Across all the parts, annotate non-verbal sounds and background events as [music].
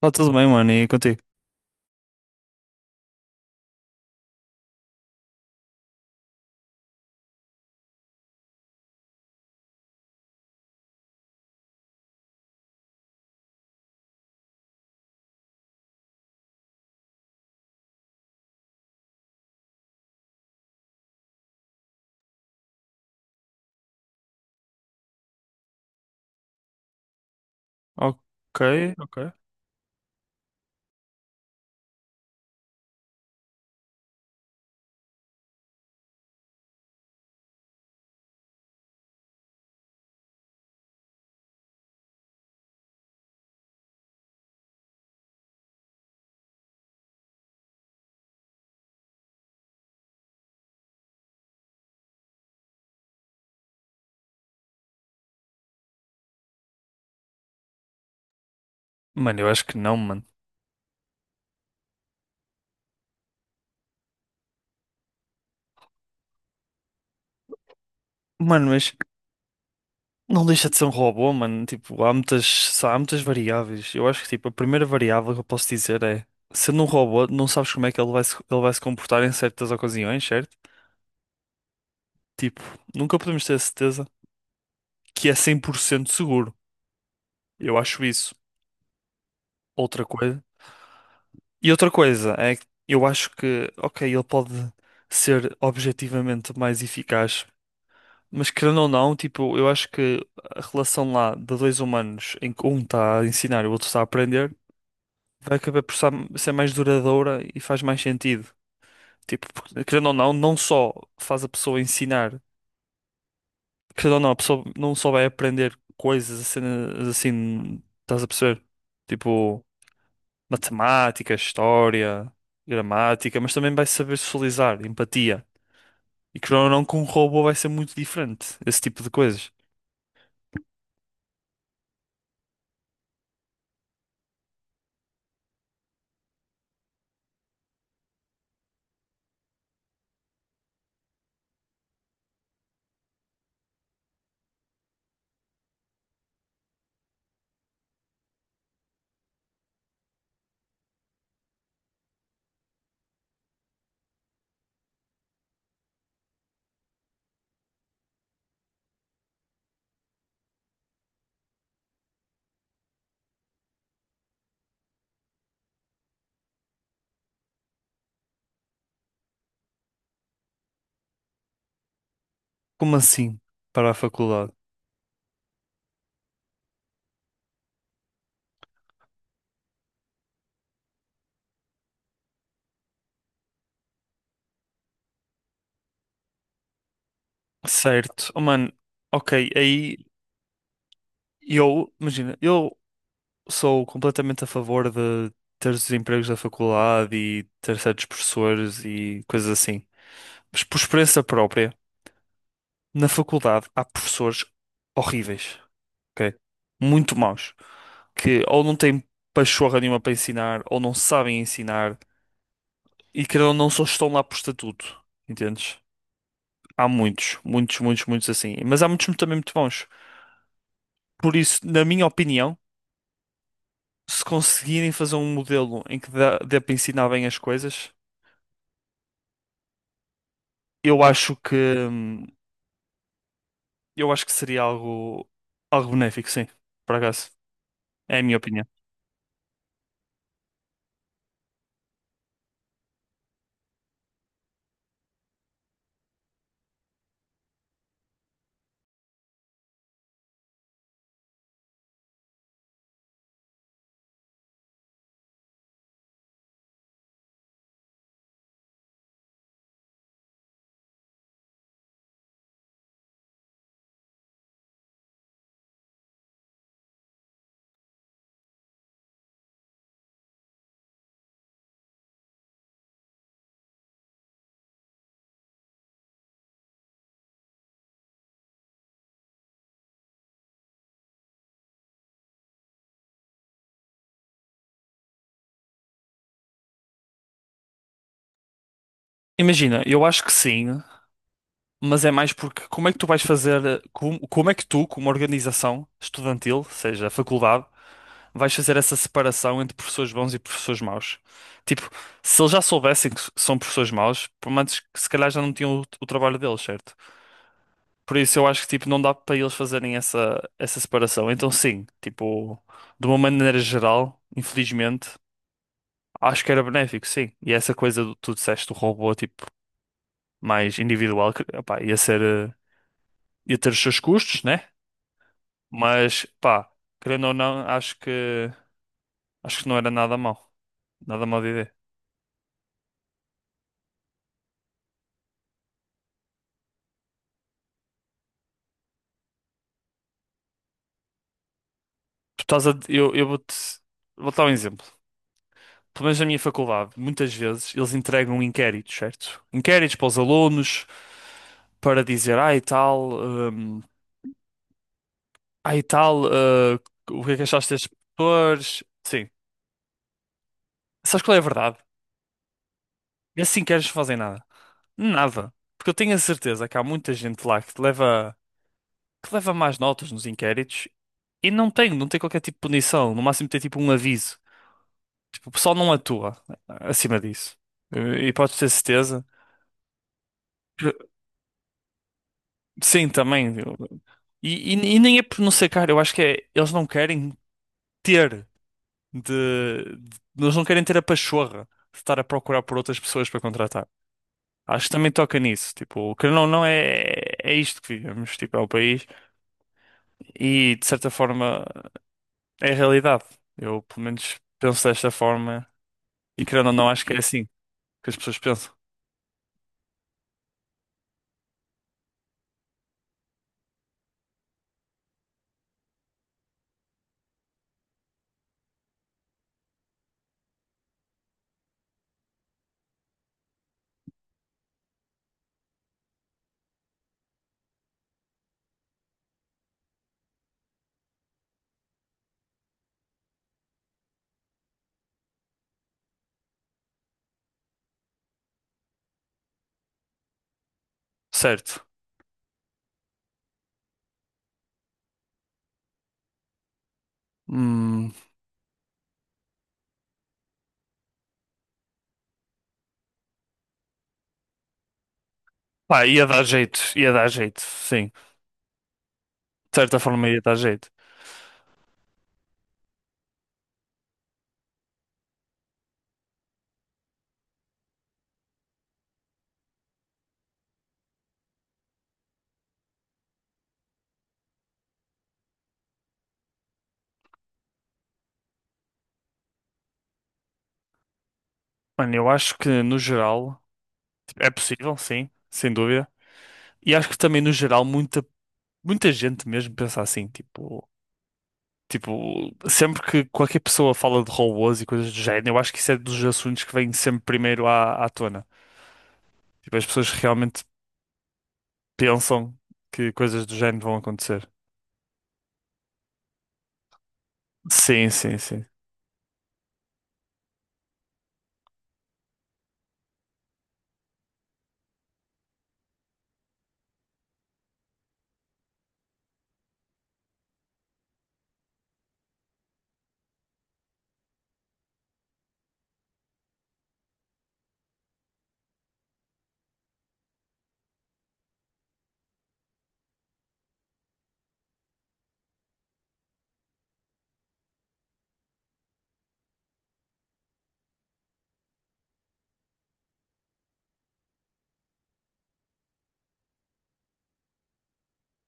Tá tudo bem, mano, e contigo? Ok, ok. Mano, eu acho que não, mano. Mano, mas não deixa de ser um robô, mano. Tipo, há muitas variáveis. Eu acho que, tipo, a primeira variável que eu posso dizer é, sendo um robô, não sabes como é que ele vai se comportar em certas ocasiões, certo? Tipo, nunca podemos ter a certeza que é 100% seguro. Eu acho isso. Outra coisa. E outra coisa é que eu acho que, ok, ele pode ser objetivamente mais eficaz. Mas querendo ou não, tipo, eu acho que a relação lá de dois humanos em que um está a ensinar e o outro está a aprender vai acabar ser mais duradoura e faz mais sentido. Tipo, porque, querendo ou não, não só faz a pessoa ensinar, querendo ou não, a pessoa não só vai aprender coisas assim, assim, estás a perceber? Tipo, matemática, história, gramática, mas também vai saber socializar, empatia. E querendo ou não, com um robô vai ser muito diferente esse tipo de coisas. Como assim? Para a faculdade. Certo. Oh, mano, ok, aí eu, imagina, eu sou completamente a favor de ter os empregos da faculdade e ter certos professores e coisas assim. Mas por experiência própria, na faculdade há professores horríveis, ok? Muito maus, que ou não têm pachorra nenhuma para ensinar, ou não sabem ensinar, e querendo ou não, só estão lá por estatuto, entendes? Há muitos, muitos, muitos, muitos assim. Mas há muitos também muito bons. Por isso, na minha opinião, se conseguirem fazer um modelo em que dê para ensinar bem as coisas, eu acho que hum, eu acho que seria algo algo benéfico, sim. Por acaso, é a minha opinião. Imagina, eu acho que sim, mas é mais porque como é que tu vais fazer, como é que tu, como organização estudantil, seja a faculdade, vais fazer essa separação entre professores bons e professores maus? Tipo, se eles já soubessem que são professores maus, por menos que se calhar já não tinham o trabalho deles, certo? Por isso eu acho que tipo não dá para eles fazerem essa separação. Então sim, tipo, de uma maneira geral, infelizmente, acho que era benéfico, sim. E essa coisa do tu disseste, do robô tipo mais individual, que, opá, ia ser eh, ia ter os seus custos, né? Mas pá, querendo ou não, acho que não era nada mal. Nada mal de ideia. Tu estás a eu vou-te Vou dar um exemplo. Pelo menos na minha faculdade, muitas vezes eles entregam inquéritos, certo? Inquéritos para os alunos para dizer, hum, ai e tal, o que é que achaste destes professores? Sim. Sabes qual é a verdade? Esses inquéritos não fazem nada. Nada. Porque eu tenho a certeza que há muita gente lá que leva mais notas nos inquéritos e não tem qualquer tipo de punição. No máximo tem tipo um aviso. Tipo, o pessoal não atua acima disso. E podes ter certeza. que- Sim, também. E nem é por não ser caro, eu acho que é. Eles não querem ter de, de- eles não querem ter a pachorra de estar a procurar por outras pessoas para contratar. Acho que também toca nisso. Tipo, querendo ou não, é isto que vivemos. Tipo, é o país. E, de certa forma, é a realidade. Eu, pelo menos, penso desta forma. E, querendo ou não, acho que é assim que as pessoas pensam. Certo. Hum, pá, ia dar jeito. Ia dar jeito, sim. De certa forma, ia dar jeito. Mano, eu acho que, no geral. É possível, sim, sem dúvida. E acho que também, no geral, muita gente mesmo pensa assim, tipo, sempre que qualquer pessoa fala de robôs e coisas do género, eu acho que isso é dos assuntos que vem sempre primeiro à tona. Tipo, as pessoas realmente pensam que coisas do género vão acontecer. Sim, sim, sim.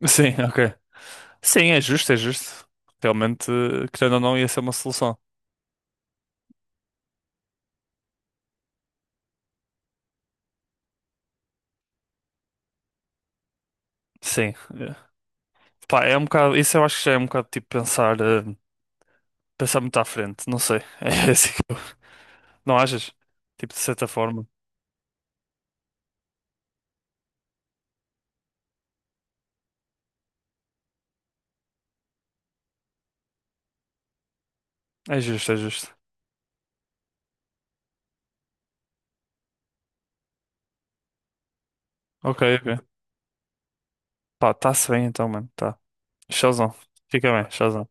[laughs] Sim, ok. Sim, é justo, é justo. Realmente, querendo ou não, ia ser uma solução. Sim. É. Pá, é um bocado, isso eu acho que já é um bocado tipo pensar, pensar muito à frente, não sei. [laughs] É assim. Não achas? Tipo, de certa forma. É justo, é justo. Ok, ok. Pá, tá-se bem então, mano. Tá. Showzão. Fica bem, showzão.